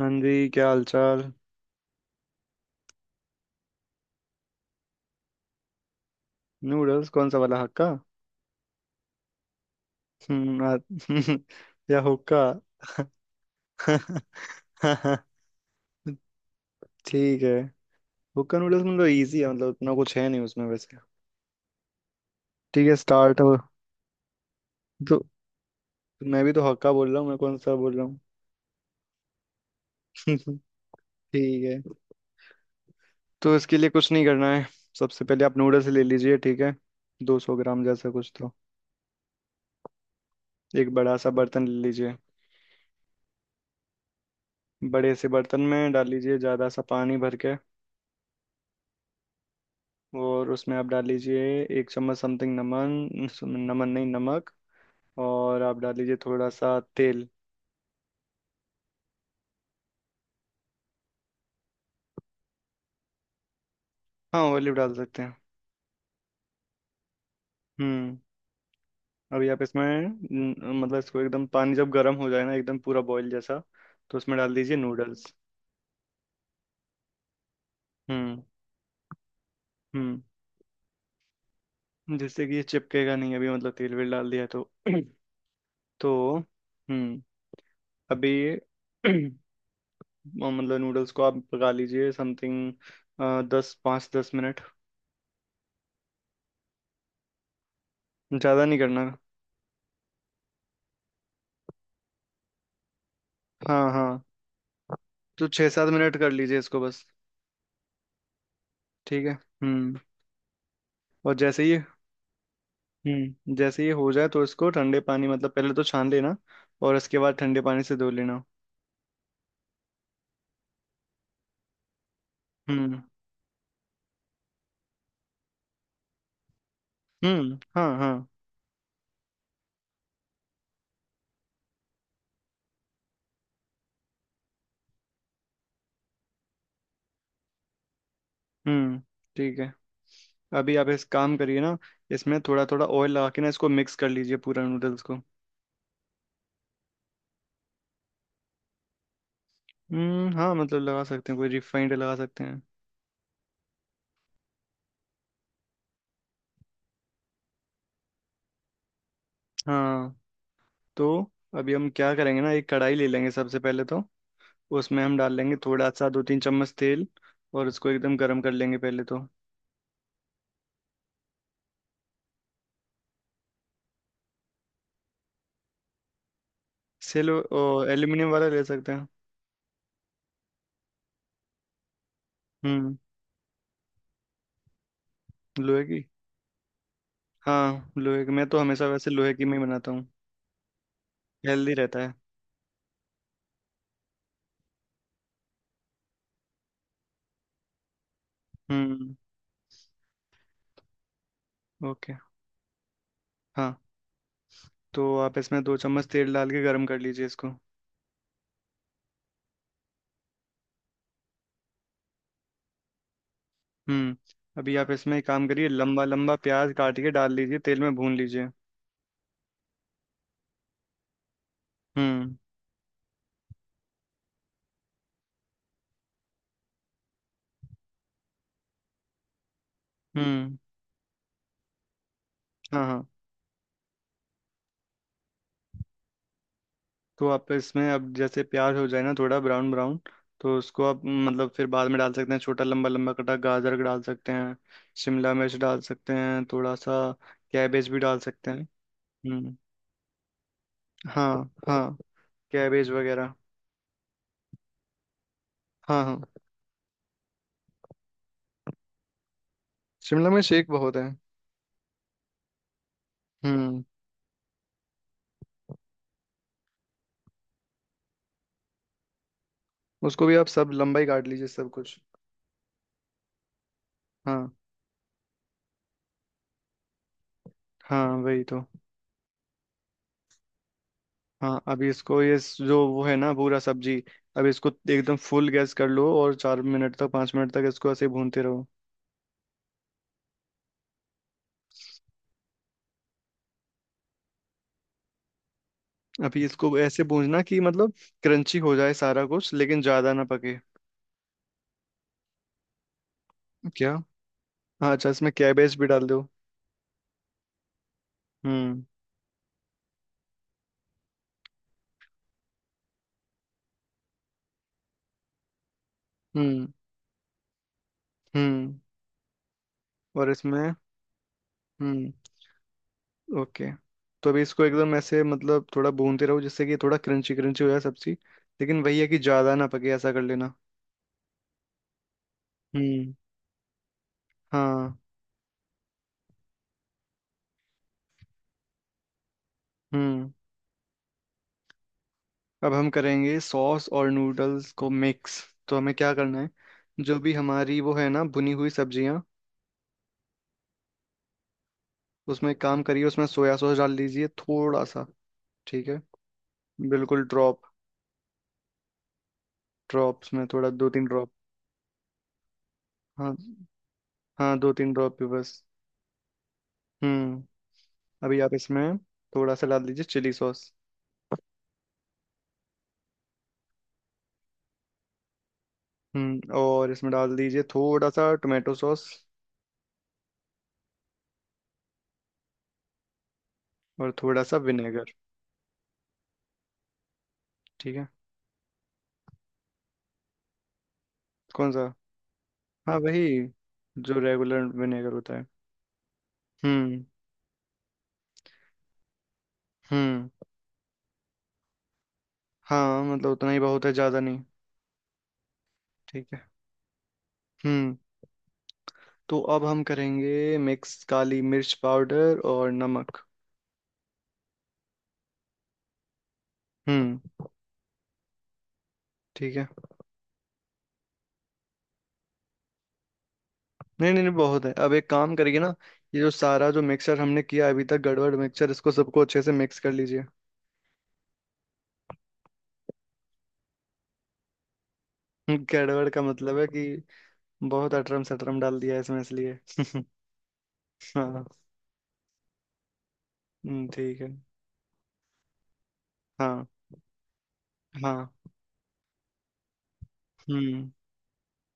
हाँ जी, क्या हाल चाल। नूडल्स कौन सा वाला? हक्का। हम्म। या हुक्का। ठीक है। हुक्का नूडल्स मतलब इजी है, मतलब इतना कुछ है नहीं उसमें वैसे। ठीक है, स्टार्ट हो। तो मैं भी तो हक्का बोल रहा हूँ, मैं कौन सा बोल रहा हूँ? ठीक है। तो इसके लिए कुछ नहीं करना है। सबसे पहले आप नूडल्स ले लीजिए, ठीक है। 200 ग्राम जैसा कुछ तो। एक बड़ा सा बर्तन ले लीजिए। बड़े से बर्तन में डाल लीजिए ज़्यादा सा पानी भर के। और उसमें आप डाल लीजिए 1 चम्मच समथिंग, नमन नमन नहीं, नमक। और आप डाल लीजिए थोड़ा सा तेल। हाँ, ऑलिव डाल सकते हैं। हम्म। अभी आप इसमें मतलब इसको एकदम पानी जब गर्म हो जाए ना, एकदम पूरा बॉईल जैसा, तो उसमें डाल दीजिए नूडल्स। हम्म हम्म। जिससे कि ये चिपकेगा नहीं, अभी मतलब तेल वेल डाल दिया तो तो हम्म। अभी ये और मतलब नूडल्स को आप पका लीजिए समथिंग दस, पाँच दस मिनट। ज़्यादा नहीं करना। हाँ हाँ। तो 6-7 मिनट कर लीजिए इसको बस। ठीक है, हम्म। और जैसे ही हो जाए तो इसको ठंडे पानी मतलब पहले तो छान लेना, और इसके बाद ठंडे पानी से धो लेना। हम्म हम्म। हाँ हाँ। हम्म, ठीक है। अभी आप इस काम करिए ना। इसमें थोड़ा थोड़ा ऑयल लगा के ना इसको मिक्स कर लीजिए पूरा नूडल्स को। हाँ, मतलब लगा सकते हैं, कोई रिफाइंड लगा सकते हैं। हाँ। तो अभी हम क्या करेंगे ना, एक कढ़ाई ले लेंगे सबसे पहले तो। उसमें हम डाल लेंगे थोड़ा सा, 2-3 चम्मच तेल। और उसको एकदम गर्म कर लेंगे पहले तो। सिल एल्यूमिनियम वाला ले सकते हैं। हम्म, लोहे की। हाँ लोहे की, मैं तो हमेशा वैसे लोहे की में ही बनाता हूँ। हेल्दी रहता है। हम्म, ओके, हाँ। तो आप इसमें 2 चम्मच तेल डाल के गर्म कर लीजिए इसको। हम्म। अभी आप इसमें एक काम करिए, लंबा लंबा प्याज काट के डाल लीजिए, तेल में भून लीजिए। हम्म हम्म, हाँ हाँ। तो आप इसमें अब जैसे प्याज हो जाए ना, थोड़ा ब्राउन ब्राउन, तो उसको आप मतलब फिर बाद में डाल सकते हैं, छोटा लंबा लंबा कटा गाजर डाल सकते हैं। शिमला मिर्च डाल सकते हैं थोड़ा सा। कैबेज भी डाल सकते हैं। हम्म हाँ हाँ, कैबेज वगैरह। हाँ हाँ। शिमला मिर्च एक बहुत है। हम्म। उसको भी आप सब लंबाई काट लीजिए, सब कुछ। हाँ हाँ, वही तो। हाँ, अभी इसको ये जो वो है ना पूरा सब्जी। अब इसको एकदम फुल गैस कर लो और 4 मिनट तक, 5 मिनट तक इसको ऐसे भूनते रहो। अभी इसको ऐसे भूनना कि मतलब क्रंची हो जाए सारा कुछ, लेकिन ज्यादा ना पके। क्या? हाँ अच्छा, इसमें कैबेज भी डाल दो। हम्म हम्म हम्म। और इसमें। हम्म ओके। तो अभी इसको एकदम ऐसे, मतलब थोड़ा भूनते रहो जिससे कि थोड़ा क्रंची क्रंची हो जाए सब्जी। लेकिन वही है कि ज्यादा ना पके, ऐसा कर लेना। हम्म हाँ हम्म। अब हम करेंगे सॉस और नूडल्स को मिक्स। तो हमें क्या करना है? जो भी हमारी वो है ना, भुनी हुई सब्जियां, उसमें एक काम करिए, उसमें सोया सॉस डाल दीजिए थोड़ा सा, ठीक है। बिल्कुल ड्रॉप। ड्रॉप्स में, थोड़ा 2-3 ड्रॉप। हाँ हाँ, 2-3 ड्रॉप भी बस। हम्म, अभी आप इसमें थोड़ा सा डाल दीजिए चिली सॉस। हम्म, और इसमें डाल दीजिए थोड़ा सा टोमेटो सॉस और थोड़ा सा विनेगर। ठीक है। कौन सा? हाँ वही, जो रेगुलर विनेगर होता है। हम्म हम्म हाँ, मतलब उतना ही बहुत है, ज़्यादा नहीं। ठीक है, हम्म। तो अब हम करेंगे मिक्स काली मिर्च पाउडर और नमक। हम्म, ठीक है। नहीं नहीं नहीं, बहुत है। अब एक काम करिए ना, ये जो सारा जो मिक्सर हमने किया अभी तक गड़बड़ मिक्सर, इसको सबको अच्छे से मिक्स कर लीजिए। गड़बड़ का मतलब है कि बहुत अटरम सटरम डाल दिया है इसमें, इसलिए। हाँ। ठीक है। हाँ हाँ। हम्म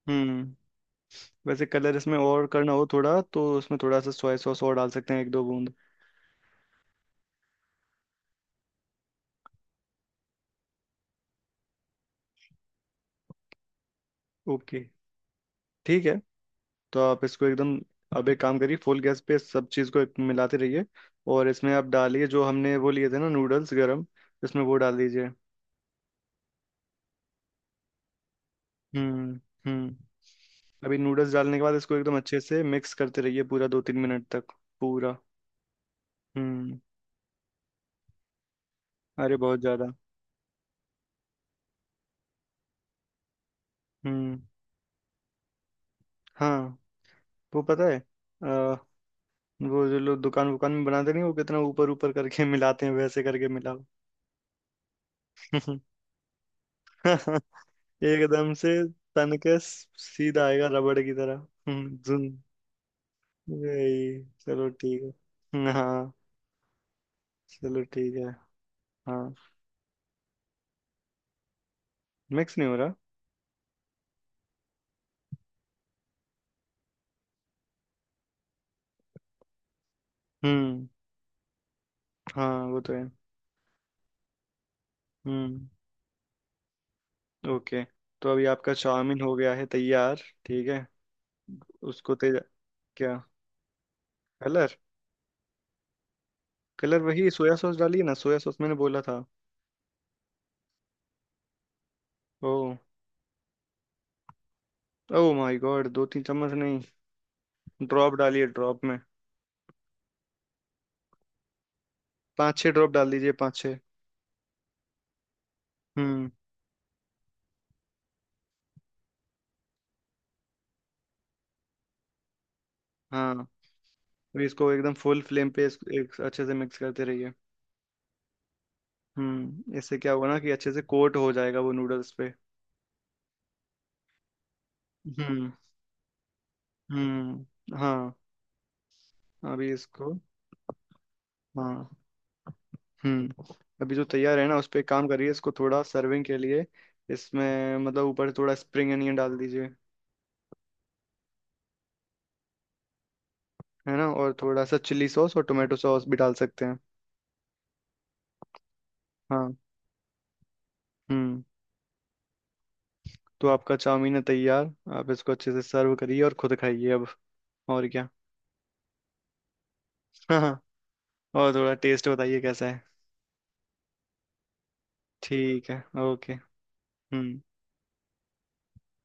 हम्म। वैसे कलर इसमें और करना हो थोड़ा, तो इसमें थोड़ा सा सोया सॉस और डाल सकते हैं, 1-2 बूंद। ओके, ठीक है। तो आप इसको एकदम, अब एक काम करिए, फुल गैस पे सब चीज़ को एक मिलाते रहिए। और इसमें आप डालिए जो हमने वो लिए थे ना नूडल्स गरम, इसमें वो डाल दीजिए। हम्म हम्म। अभी नूडल्स डालने के बाद इसको एकदम अच्छे से मिक्स करते रहिए पूरा, 2-3 मिनट तक। पूरा। हम्म, अरे बहुत ज्यादा। हम्म हाँ, वो पता है। आ, वो जो लोग दुकान वुकान में बनाते नहीं, वो कितना ऊपर ऊपर करके मिलाते हैं, वैसे करके मिलाओ। एकदम से तन के सीधा आएगा रबड़ की तरह, जुन। यही चलो, ठीक है। हाँ। चलो ठीक है। हाँ, मिक्स नहीं हो रहा। हम्म हाँ, वो तो है। हम्म ओके। तो अभी आपका चाउमीन हो गया है तैयार। ठीक है, उसको तेज। क्या? कलर, कलर वही सोया सॉस डालिए ना, सोया सॉस मैंने बोला था। ओ। ओ माय गॉड, 2-3 चम्मच नहीं, ड्रॉप डालिए, ड्रॉप में। 5-6 ड्रॉप डाल दीजिए, 5-6। हम्म हाँ। अभी इसको एकदम फुल फ्लेम पे इस, एक अच्छे से मिक्स करते रहिए। हम्म, इससे क्या होगा ना कि अच्छे से कोट हो जाएगा वो नूडल्स पे। हम्म हाँ। अभी इसको, हाँ हम्म। अभी जो तैयार है ना, उस पर एक काम करिए, इसको थोड़ा सर्विंग के लिए। इसमें मतलब ऊपर थोड़ा स्प्रिंग अनियन डाल दीजिए, है ना, और थोड़ा सा चिली सॉस और टोमेटो सॉस भी डाल सकते हैं। हाँ, हम्म। तो आपका चाउमीन है तैयार, आप इसको अच्छे से सर्व करिए और खुद खाइए अब, और क्या। हाँ। और थोड़ा टेस्ट बताइए कैसा है। ठीक है, ओके, हम्म।